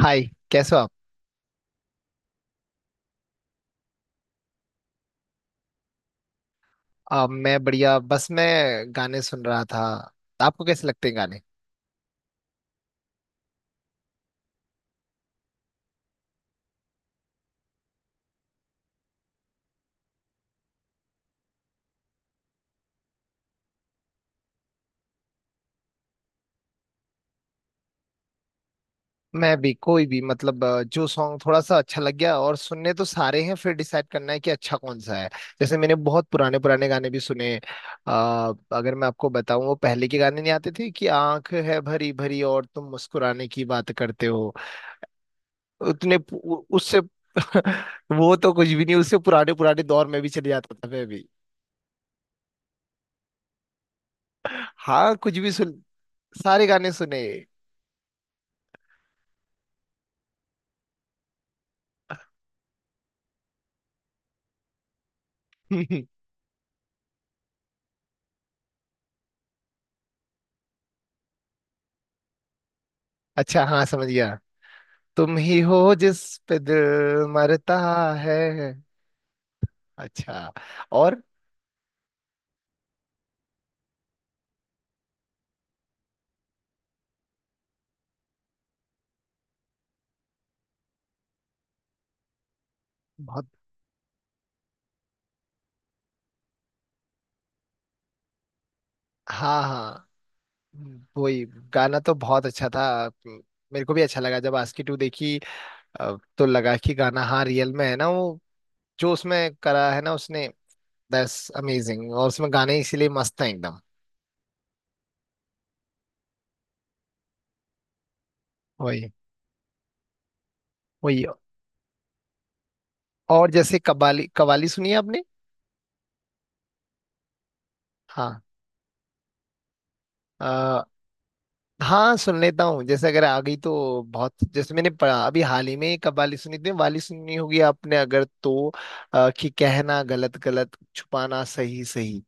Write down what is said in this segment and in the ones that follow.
हाय। कैसे हो आप? मैं बढ़िया। बस मैं गाने सुन रहा था। आपको कैसे लगते हैं गाने? मैं भी कोई भी मतलब जो सॉन्ग थोड़ा सा अच्छा लग गया। और सुनने तो सारे हैं, फिर डिसाइड करना है कि अच्छा कौन सा है। जैसे मैंने बहुत पुराने पुराने गाने भी सुने। आ, अगर मैं आपको बताऊं, वो पहले के गाने नहीं आते थे कि आंख है भरी भरी और तुम मुस्कुराने की बात करते हो। उससे वो तो कुछ भी नहीं, उससे पुराने पुराने दौर में भी चले जाता था मैं भी। हाँ, कुछ भी सुन, सारे गाने सुने। अच्छा, हाँ, समझ गया। तुम ही हो जिस पे दिल मरता है। अच्छा। और बहुत। हाँ हाँ, वही। गाना तो बहुत अच्छा था। मेरे को भी अच्छा लगा जब आस्की टू देखी। तो लगा कि गाना हाँ रियल में है ना वो, जो उसमें करा है ना उसने। That's amazing. और उसमें गाने इसीलिए मस्त हैं एकदम। वही वही। और जैसे कबाली कवाली सुनी है आपने? हाँ। अ, हाँ, सुन लेता हूँ। जैसे अगर आ गई तो बहुत। जैसे मैंने पढ़ा अभी हाल ही में एक कव्वाली सुनी थी, वाली सुनी होगी आपने अगर तो कि कहना गलत गलत, छुपाना सही सही।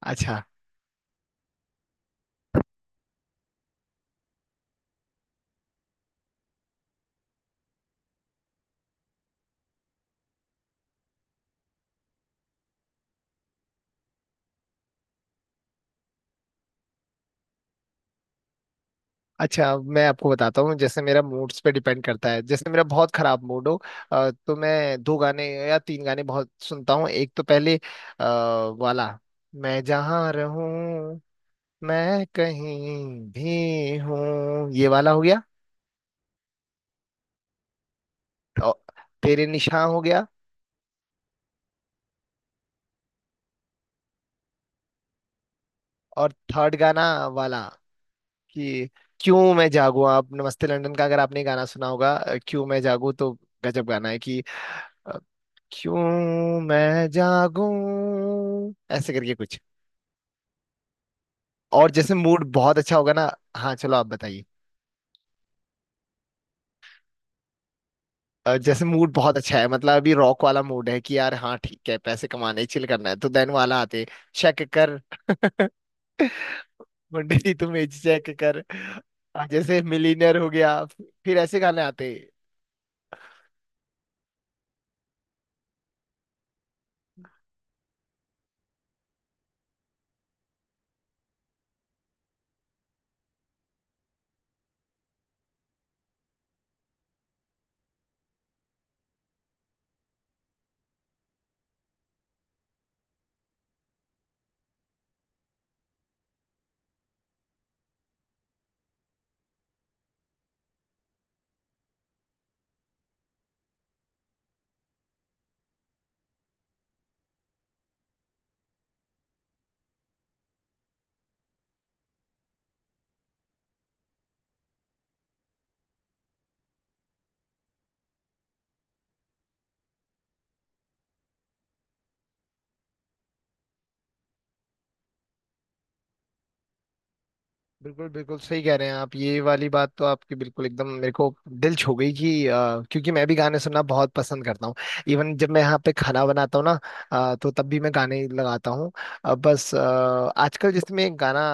अच्छा। अच्छा, मैं आपको बताता हूँ। जैसे मेरा मूड्स पे डिपेंड करता है। जैसे मेरा बहुत खराब मूड हो, तो मैं दो गाने या तीन गाने बहुत सुनता हूँ। एक तो पहले आ, वाला, मैं जहाँ रहूँ, मैं कहीं भी हूँ, ये वाला हो गया। और तेरे निशान हो गया। और थर्ड गाना वाला, कि क्यों मैं जागूं। आप नमस्ते लंदन का अगर आपने गाना सुना होगा, क्यों मैं जागूं, तो गजब गाना है। कि अ, क्यों मैं जागूं ऐसे करके कुछ। और जैसे मूड बहुत अच्छा होगा ना। हाँ, चलो आप बताइए। जैसे मूड बहुत अच्छा है मतलब, अभी रॉक वाला मूड है कि यार हाँ ठीक है, पैसे कमाने चिल करना है तो देन वाला आते, चेक कर। मुंडे जी तुम एज चेक कर। जैसे मिलीनियर हो गया, फिर ऐसे गाने आते। बिल्कुल बिल्कुल सही कह रहे हैं आप। ये वाली बात तो आपकी बिल्कुल एकदम मेरे को दिल छू गई। कि क्योंकि मैं भी गाने सुनना बहुत पसंद करता हूँ। इवन जब मैं यहाँ पे खाना बनाता हूँ ना, तो तब भी मैं गाने लगाता हूँ। अ, बस अ, आजकल जिसमें गाना,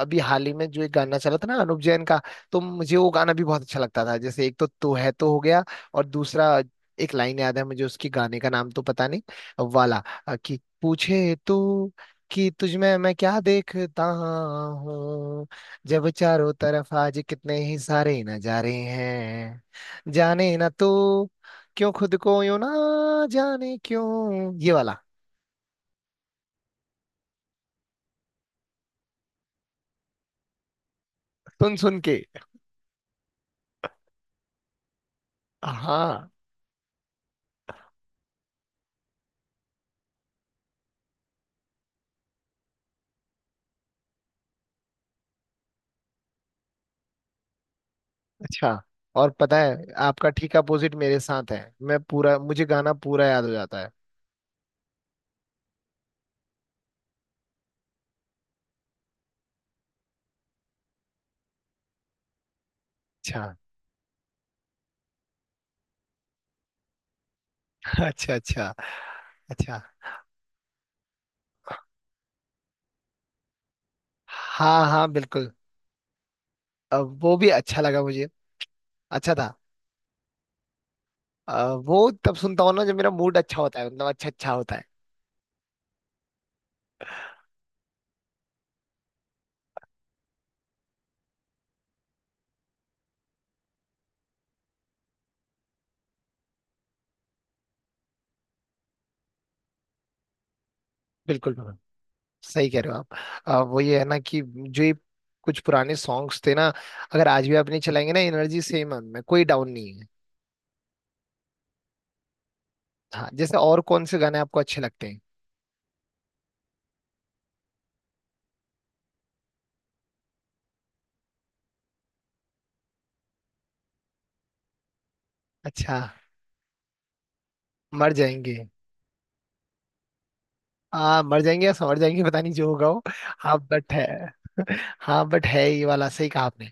अभी हाल ही में जो एक गाना चला था ना अनुप जैन का, तो मुझे वो गाना भी बहुत अच्छा लगता था। जैसे एक तो तू है तो हो गया। और दूसरा, एक लाइन याद है मुझे उसकी, गाने का नाम तो पता नहीं वाला। कि पूछे तू कि तुझ में मैं क्या देखता हूँ, जब चारों तरफ आज कितने ही सारे नजारे हैं, जाने ना तू क्यों खुद को यूं, ना जाने क्यों, ये वाला। सुन सुन के। हाँ। अच्छा। और पता है, आपका ठीक अपोजिट मेरे साथ है। मैं पूरा, मुझे गाना पूरा याद हो जाता है। अच्छा। अच्छा अच्छा। अच्छा। हाँ हाँ बिल्कुल। वो भी अच्छा लगा मुझे। अच्छा था। वो तब सुनता हूँ ना जब मेरा मूड अच्छा होता है, मतलब अच्छा अच्छा होता है। बिल्कुल बिल्कुल सही कह रहे हो आप। वो ये है ना कि जो ये कुछ पुराने सॉन्ग्स थे ना, अगर आज भी आप नहीं चलाएंगे ना, एनर्जी सेम है उनमें, कोई डाउन नहीं है। हाँ। जैसे और कौन से गाने आपको अच्छे लगते हैं? अच्छा, मर जाएंगे। हाँ मर जाएंगे या समझ जाएंगे, पता नहीं जो होगा वो। हाँ बट है। हाँ बट है, ये वाला सही कहा आपने।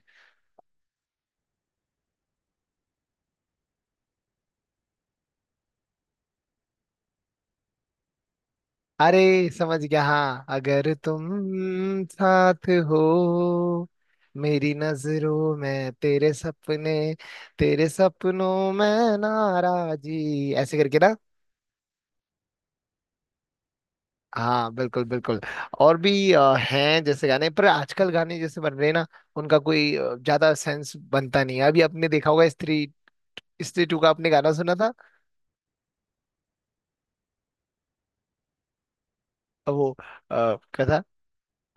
अरे समझ गया, हाँ, अगर तुम साथ हो, मेरी नजरों में तेरे सपने, तेरे सपनों में नाराजी ऐसे करके ना। हाँ बिल्कुल बिल्कुल। और भी हैं जैसे गाने। पर आजकल गाने जैसे बन रहे हैं ना, उनका कोई ज्यादा सेंस बनता नहीं है। अभी आपने देखा होगा स्त्री, स्त्री टू का आपने गाना सुना था? वो क्या था,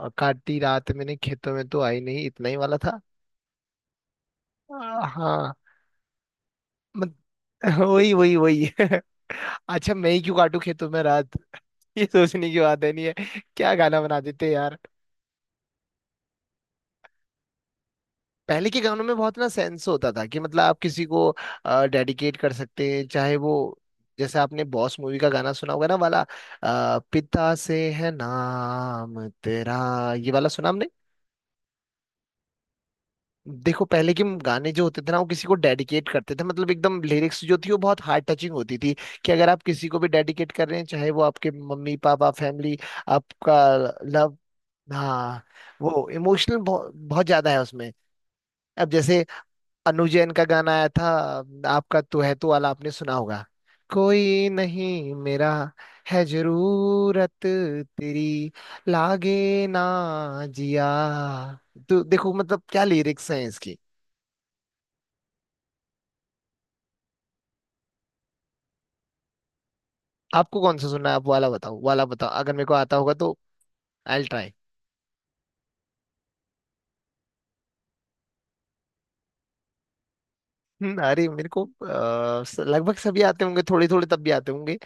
और काटी रात मैंने खेतों में, तो आई नहीं, इतना ही वाला था। हाँ। मत, वही वही वही। अच्छा, मैं ही क्यों काटू खेतों में रात। ये सोचने की बात है, नहीं है? क्या गाना बना देते हैं यार। पहले के गानों में बहुत ना सेंस होता था। कि मतलब आप किसी को डेडिकेट कर सकते हैं, चाहे वो, जैसे आपने बॉस मूवी का गाना सुना होगा ना वाला, पिता से है नाम तेरा, ये वाला सुना? देखो पहले के गाने जो होते थे ना, वो किसी को डेडिकेट करते थे। मतलब एकदम लिरिक्स जो थी वो बहुत हार्ट टचिंग होती थी। कि अगर आप किसी को भी डेडिकेट कर रहे हैं, चाहे वो आपके मम्मी पापा, फैमिली, आपका लव। हाँ, वो इमोशनल बहुत बहुत ज्यादा है उसमें। अब जैसे अनु जैन का गाना आया था आपका, तू है तू वाला, आपने सुना होगा। कोई नहीं मेरा, है जरूरत तेरी, लागे ना जिया। तो देखो मतलब क्या लिरिक्स हैं इसकी। आपको कौन सा सुनना है, आप वाला बताओ, वाला बताओ, अगर मेरे को आता होगा तो आई विल ट्राई। अरे मेरे को लगभग सभी आते होंगे, थोड़े थोड़े तब भी आते होंगे।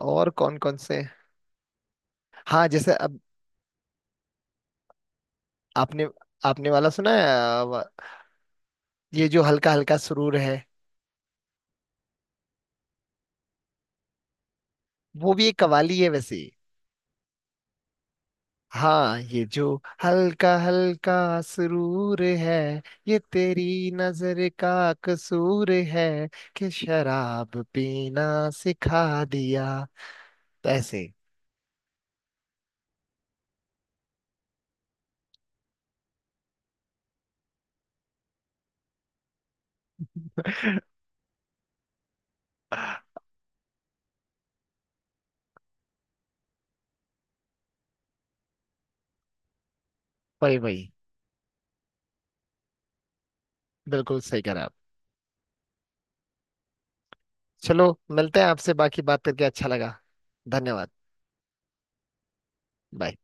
और कौन कौन से? हाँ जैसे अब, आपने, आपने वाला सुना है अ, वा- ये जो हल्का हल्का सुरूर है? वो भी एक कवाली है वैसे ही। हाँ, ये जो हल्का हल्का सुरूर है, ये तेरी नजर का कसूर है, कि शराब पीना सिखा दिया, तो ऐसे। वही वही। बिल्कुल सही कह रहे हैं आप। चलो, मिलते हैं आपसे, बाकी बात करके अच्छा लगा। धन्यवाद। बाय।